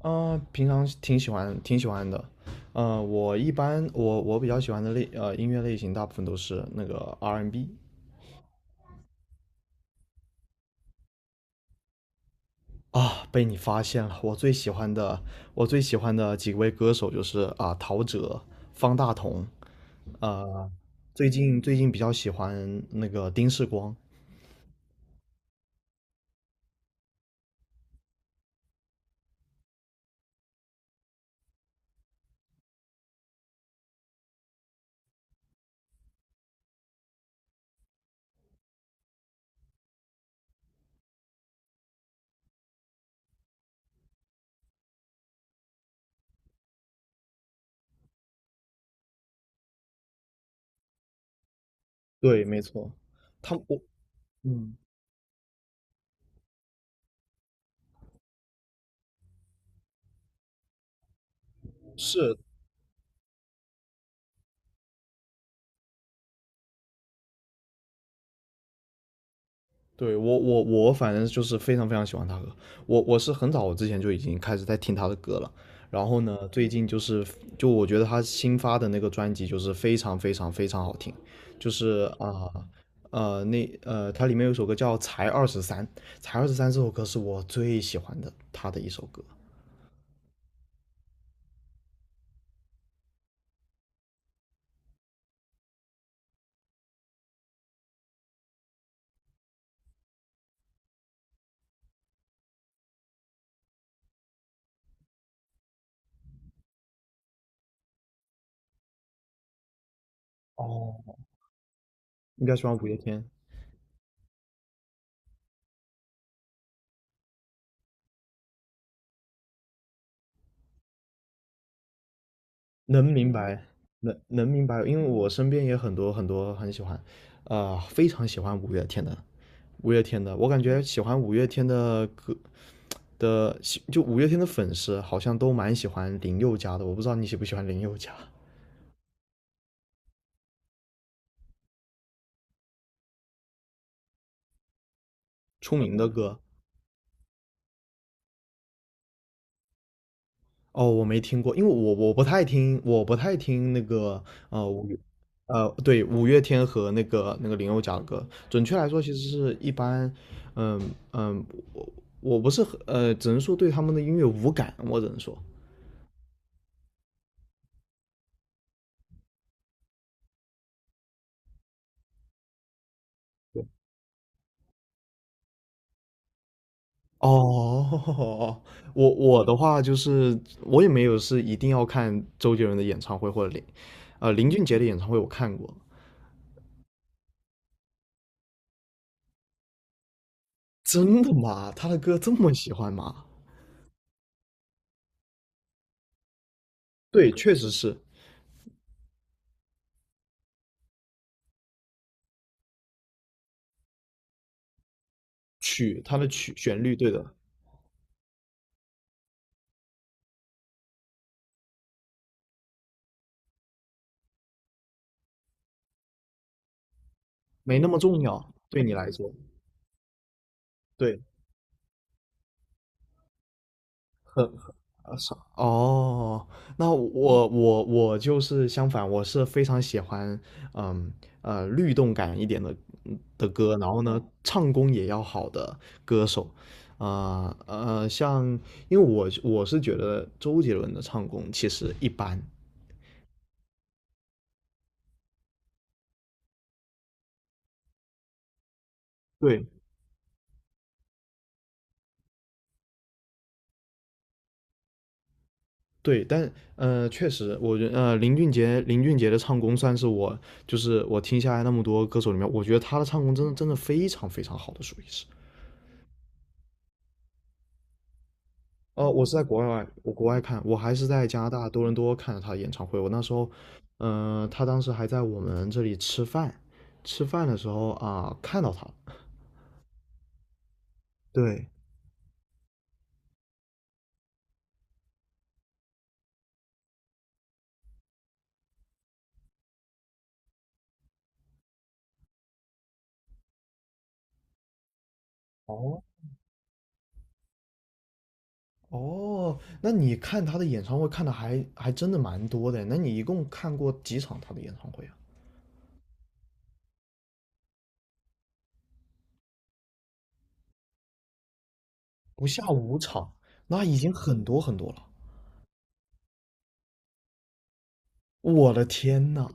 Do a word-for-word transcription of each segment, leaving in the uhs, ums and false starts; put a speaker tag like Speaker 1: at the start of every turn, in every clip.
Speaker 1: 呃，平常挺喜欢挺喜欢的，呃，我一般我我比较喜欢的类呃音乐类型，大部分都是那个 R and B n 啊，被你发现了，我最喜欢的我最喜欢的几位歌手就是啊，陶喆、方大同，呃，最近最近比较喜欢那个丁世光。对，没错，他我嗯。是。对我我我反正就是非常非常喜欢他歌，我我是很早之前就已经开始在听他的歌了。然后呢，最近就是就我觉得他新发的那个专辑就是非常非常非常好听，就是啊呃那呃他里面有一首歌叫《才二十三》，才二十三这首歌是我最喜欢的他的一首歌。哦，应该喜欢五月天，能明白能能明白，因为我身边也很多很多很喜欢，啊，非常喜欢五月天的五月天的，我感觉喜欢五月天的歌的，就五月天的粉丝好像都蛮喜欢林宥嘉的。我不知道你喜不喜欢林宥嘉。出名的歌。哦，我没听过，因为我我不太听，我不太听那个呃五月呃对，五月天和那个那个林宥嘉的歌。准确来说，其实是一般。嗯嗯，我我不是很呃，只能说对他们的音乐无感，我只能说。哦。我我的话就是我也没有是一定要看周杰伦的演唱会或者林，呃林俊杰的演唱会我看过。真的吗？他的歌这么喜欢吗？对，确实是曲，他的曲旋律，对的，没那么重要，对你来说，对。很很少。哦，那我我我就是相反，我是非常喜欢，嗯呃，律动感一点的的歌，然后呢，唱功也要好的歌手，啊呃，呃像因为我我是觉得周杰伦的唱功其实一般。对对，但呃，确实，我觉呃，林俊杰林俊杰的唱功算是我就是我听下来那么多歌手里面，我觉得他的唱功真的真的非常非常好的，属于是。哦，我是在国外，我国外看，我还是在加拿大多伦多看了他的演唱会。我那时候，嗯、他当时还在我们这里吃饭，吃饭的时候啊，看到他了。对。哦，哦，那你看他的演唱会看的还还真的蛮多的。那你一共看过几场他的演唱会啊？不下五场，那已经很多很多了。我的天呐，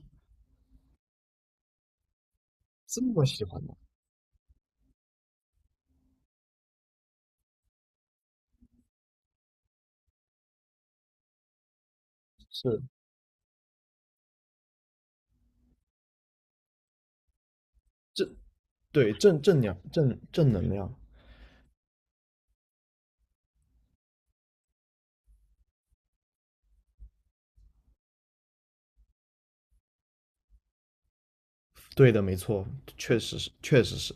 Speaker 1: 这么喜欢吗？是，正对正正量正正能量，对的，没错，确实是，确实是。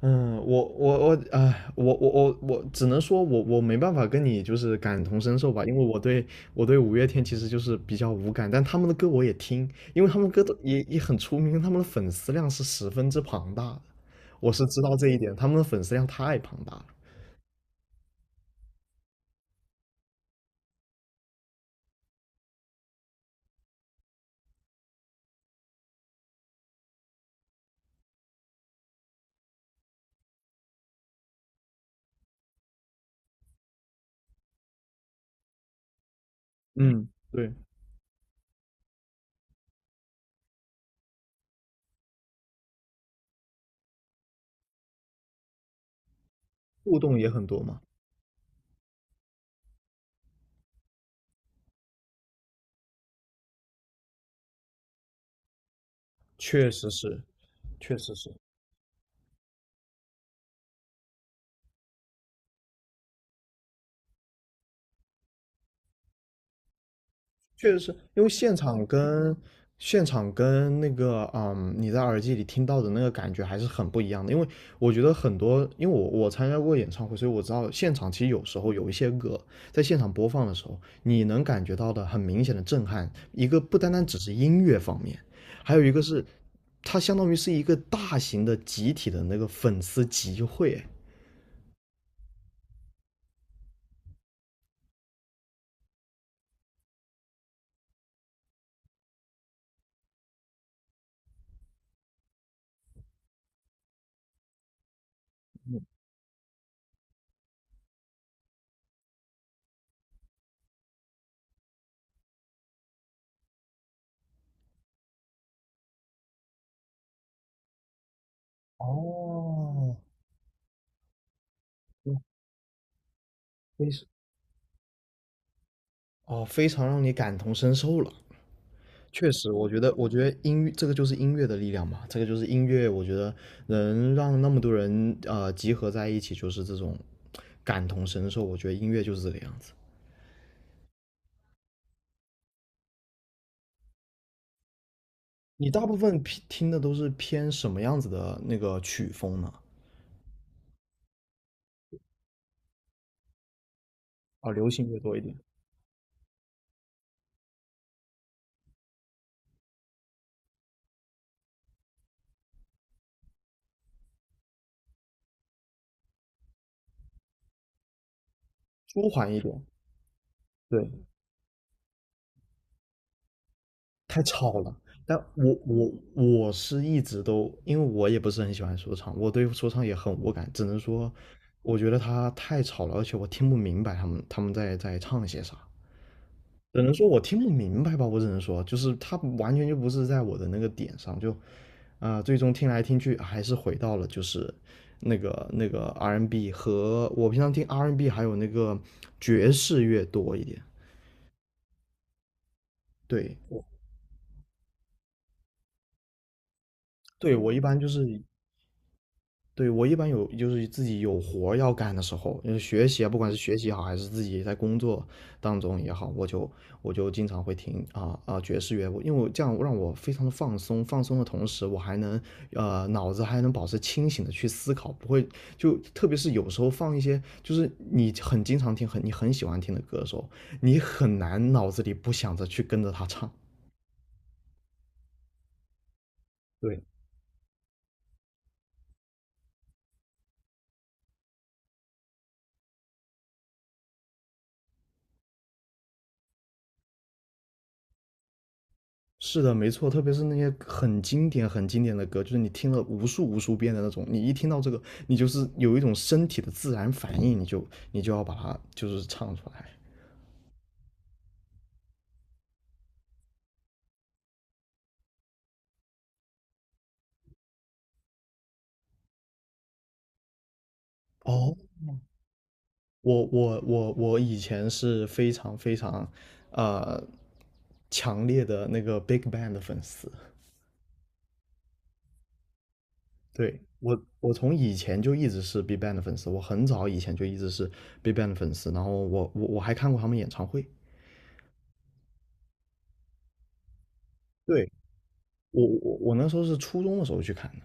Speaker 1: 嗯，我我我啊、我我我我只能说我我没办法跟你就是感同身受吧，因为我对我对五月天其实就是比较无感，但他们的歌我也听，因为他们歌都也也很出名，他们的粉丝量是十分之庞大的，我是知道这一点，他们的粉丝量太庞大了。嗯，对，互动也很多嘛，确实是，确实是。确实是因为现场跟现场跟那个嗯，你在耳机里听到的那个感觉还是很不一样的。因为我觉得很多，因为我我参加过演唱会，所以我知道现场其实有时候有一些歌在现场播放的时候，你能感觉到的很明显的震撼。一个不单单只是音乐方面，还有一个是它相当于是一个大型的集体的那个粉丝集会。哦，嗯非常哦，非常让你感同身受了。确实，我觉得，我觉得音乐这个就是音乐的力量嘛，这个就是音乐，我觉得能让那么多人呃集合在一起，就是这种感同身受。我觉得音乐就是这个样子。你大部分偏听的都是偏什么样子的那个曲风呢？啊，流行乐多一点，舒缓一点，对，太吵了。但我我我是一直都，因为我也不是很喜欢说唱，我对说唱也很无感，只能说我觉得他太吵了，而且我听不明白他们他们在在唱些啥。只能说我听不明白吧，我只能说，就是它完全就不是在我的那个点上，就啊、最终听来听去还是回到了就是那个那个 R and B n 和我平常听 R and B n 还有那个爵士乐多一点。对，对我一般就是对，我一般有就是自己有活儿要干的时候，就是学习啊，不管是学习好，还是自己在工作当中也好，我就我就经常会听啊啊爵士乐，我因为我这样让我非常的放松，放松的同时，我还能呃脑子还能保持清醒的去思考，不会就特别是有时候放一些就是你很经常听很你很喜欢听的歌的时候，你很难脑子里不想着去跟着他唱。对。是的，没错，特别是那些很经典、很经典的歌，就是你听了无数无数遍的那种，你一听到这个，你就是有一种身体的自然反应，你就你就要把它就是唱出来。哦，我我我我以前是非常非常，呃，强烈的那个 Big Bang 的粉丝。对，我我从以前就一直是 Big Bang 的粉丝，我很早以前就一直是 Big Bang 的粉丝，然后我我我还看过他们演唱会。对，我我我那时候是初中的时候去看的。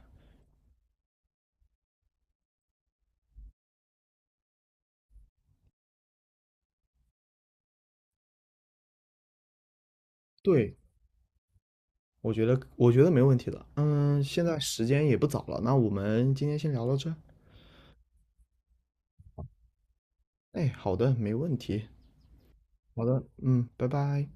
Speaker 1: 对，我觉得我觉得没问题的。嗯，现在时间也不早了，那我们今天先聊到这。哎，好的，没问题。好的。嗯，拜拜。